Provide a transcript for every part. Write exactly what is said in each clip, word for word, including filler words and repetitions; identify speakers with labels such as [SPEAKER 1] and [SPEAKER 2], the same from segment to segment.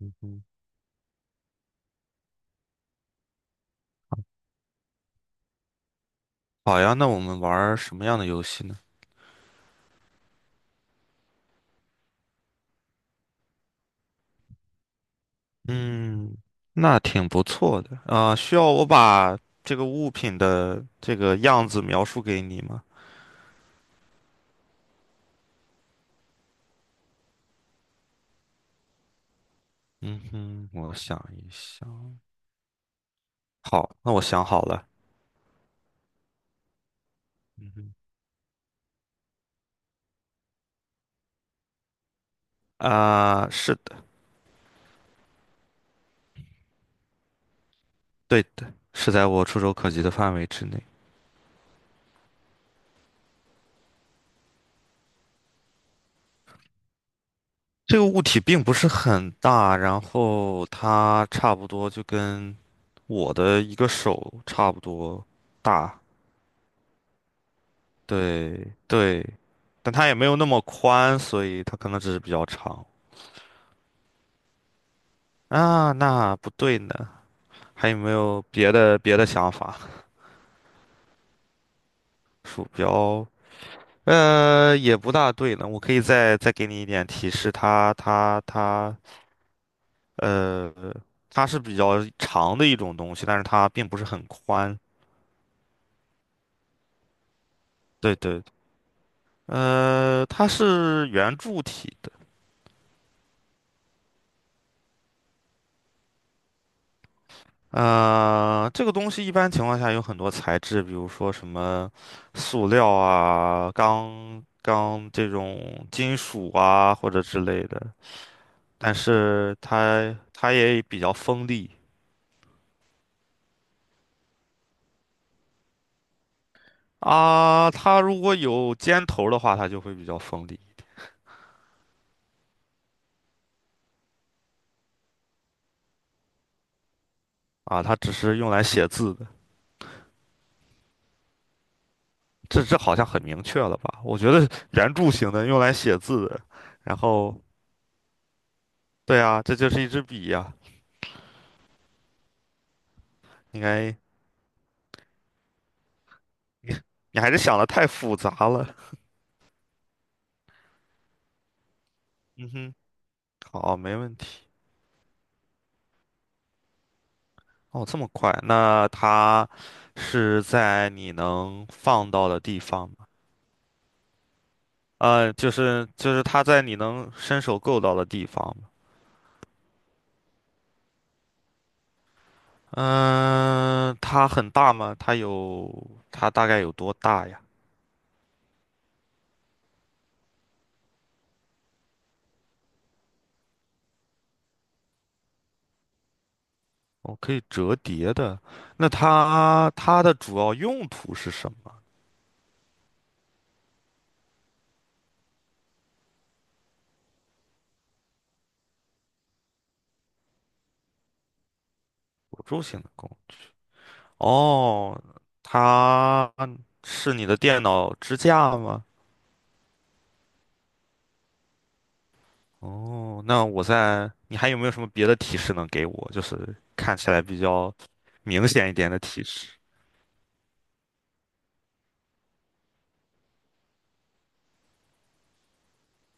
[SPEAKER 1] 嗯哼，好呀，那我们玩儿什么样的游戏呢？嗯，那挺不错的啊，需要我把这个物品的这个样子描述给你吗？嗯哼，我想一想。好，那我想好了。嗯哼，啊，是的，对的，是在我触手可及的范围之内。这个物体并不是很大，然后它差不多就跟我的一个手差不多大，对对，但它也没有那么宽，所以它可能只是比较长啊。那不对呢，还有没有别的别的想法？鼠标，呃，也不大对呢。我可以再再给你一点提示，它它它，呃，它是比较长的一种东西，但是它并不是很宽。对对，呃，它是圆柱体的。呃，这个东西一般情况下有很多材质，比如说什么塑料啊、钢钢这种金属啊或者之类的，但是它它也比较锋利啊。它如果有尖头的话，它就会比较锋利啊。它只是用来写字的，这这好像很明确了吧？我觉得圆柱形的用来写字的，然后对啊，这就是一支笔呀、应该 你还是想的太复杂了，嗯哼。好，没问题。哦，这么快？那它是在你能放到的地方吗？呃，就是就是它在你能伸手够到的地方吗？嗯、它很大吗？它有它大概有多大呀？哦，可以折叠的。那它它的主要用途是什么？辅助性的功能。哦，它是你的电脑支架吗？哦，那我在，你还有没有什么别的提示能给我？就是看起来比较明显一点的提示。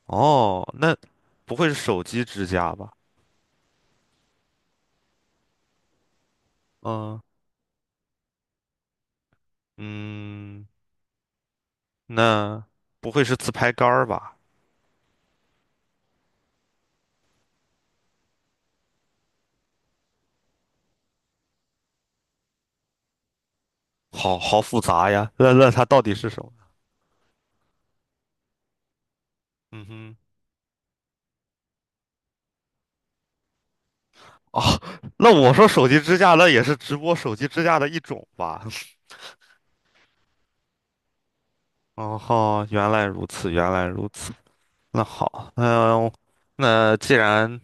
[SPEAKER 1] 哦，那不会是手机支架吧？嗯嗯，那不会是自拍杆儿吧？好好复杂呀，那那它到底是什么？嗯哼，哦，那我说手机支架，那也是直播手机支架的一种吧？哦，原来如此，原来如此。那好，嗯、那既然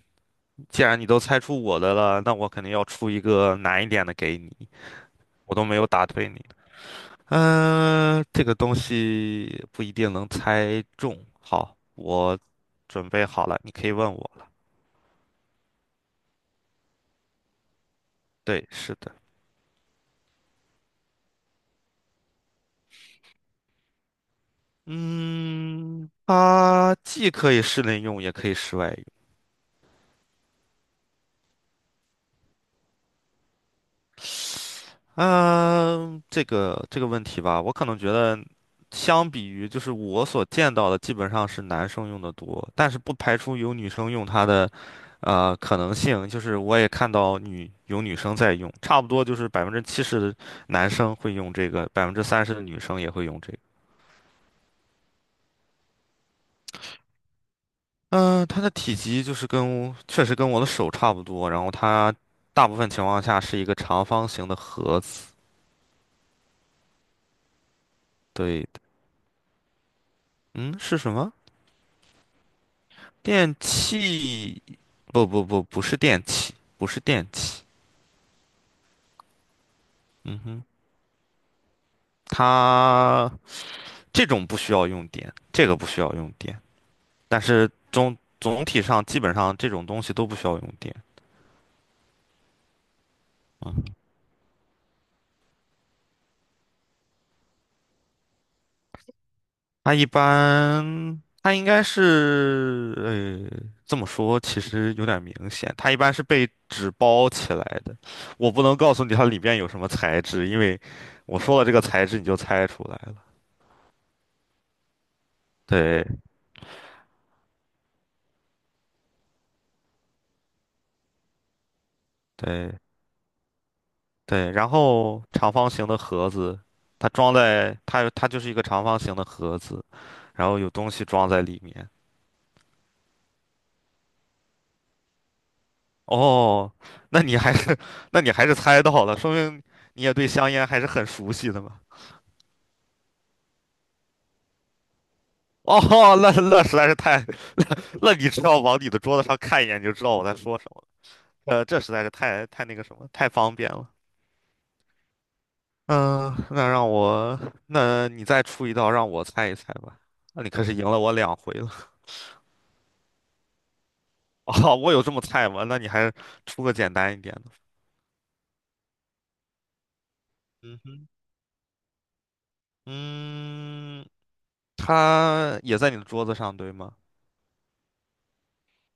[SPEAKER 1] 既然你都猜出我的了，那我肯定要出一个难一点的给你。我都没有打退你。嗯、这个东西不一定能猜中。好，我准备好了，你可以问我了。对，是的。嗯，它既可以室内用，也可以室外用。嗯，这个这个问题吧，我可能觉得，相比于就是我所见到的，基本上是男生用的多，但是不排除有女生用它的，呃，可能性。就是我也看到女有女生在用，差不多就是百分之七十的男生会用这个，百分之三十的女生也会用这个。嗯，它的体积就是跟确实跟我的手差不多，然后它大部分情况下是一个长方形的盒子。对的，嗯，是什么？电器，不不不，不是电器，不是电器。嗯哼，它这种不需要用电，这个不需要用电，但是总总体上基本上这种东西都不需要用电。啊。它一般，它应该是，呃，这么说其实有点明显，它一般是被纸包起来的。我不能告诉你它里边有什么材质，因为我说了这个材质你就猜出来了。对对，对，然后长方形的盒子，它装在它它就是一个长方形的盒子，然后有东西装在里面。哦，那你还是 那你还是猜到了，说明你也对香烟还是很熟悉的嘛。哦，那那实在是太，那你只要往你的桌子上看一眼，你就知道我在说什么了。呃，这实在是太太那个什么，太方便了。嗯，那让我，那你再出一道让我猜一猜吧。那你可是赢了我两回了。哦，我有这么菜吗？那你还出个简单一点的。嗯哼，嗯，它也在你的桌子上，对吗？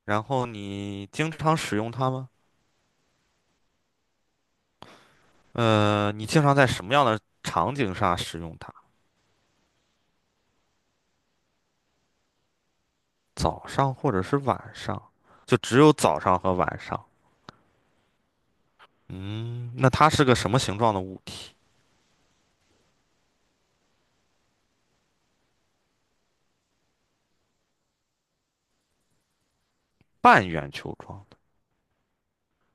[SPEAKER 1] 然后你经常使用它吗？呃，你经常在什么样的场景下使用它？早上或者是晚上？就只有早上和晚上。嗯，那它是个什么形状的物体？半圆球状的，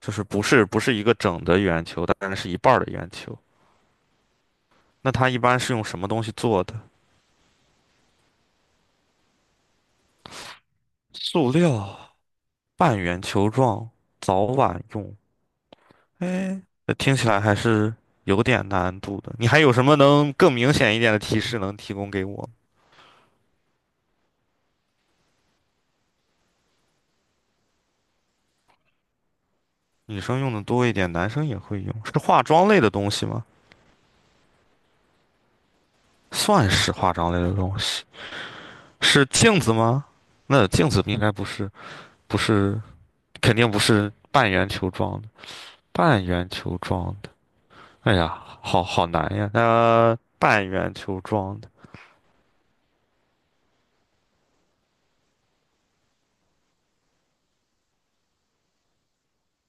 [SPEAKER 1] 就是不是不是一个整的圆球，但是是一半儿的圆球。那它一般是用什么东西做的？塑料、半圆球状，早晚用。哎，这听起来还是有点难度的。你还有什么能更明显一点的提示能提供给我？女生用的多一点，男生也会用，是化妆类的东西吗？算是化妆类的东西，是镜子吗？那镜子应该不是，不是，肯定不是半圆球状的。半圆球状的，哎呀，好好难呀。那、半圆球状的。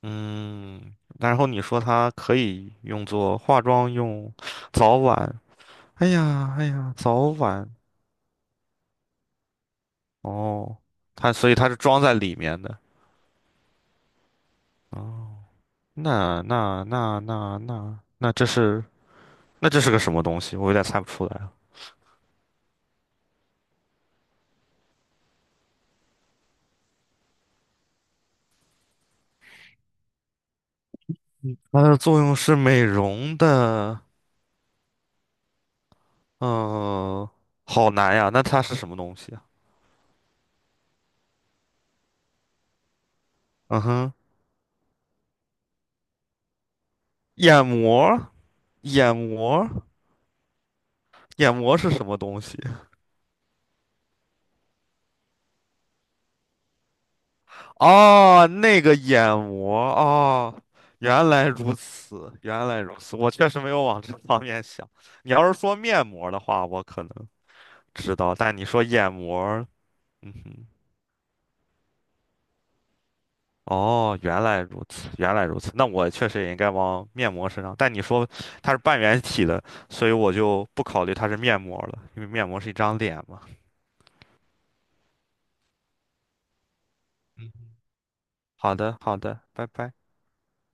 [SPEAKER 1] 嗯，然后你说它可以用作化妆用，早晚，哎呀，哎呀，早晚，哦，它所以它是装在里面的，哦，那那那那那那这是那这是个什么东西？我有点猜不出来了。它的作用是美容的，嗯，好难呀，那它是什么东西啊？嗯哼，眼膜，眼膜，眼膜是什么东西？哦，那个眼膜，哦，原来如此，原来如此，我确实没有往这方面想。你要是说面膜的话，我可能知道，但你说眼膜儿嗯哼，哦，原来如此，原来如此，那我确实也应该往面膜身上。但你说它是半圆体的，所以我就不考虑它是面膜了，因为面膜是一张脸嘛。嗯，好的，好的，拜拜。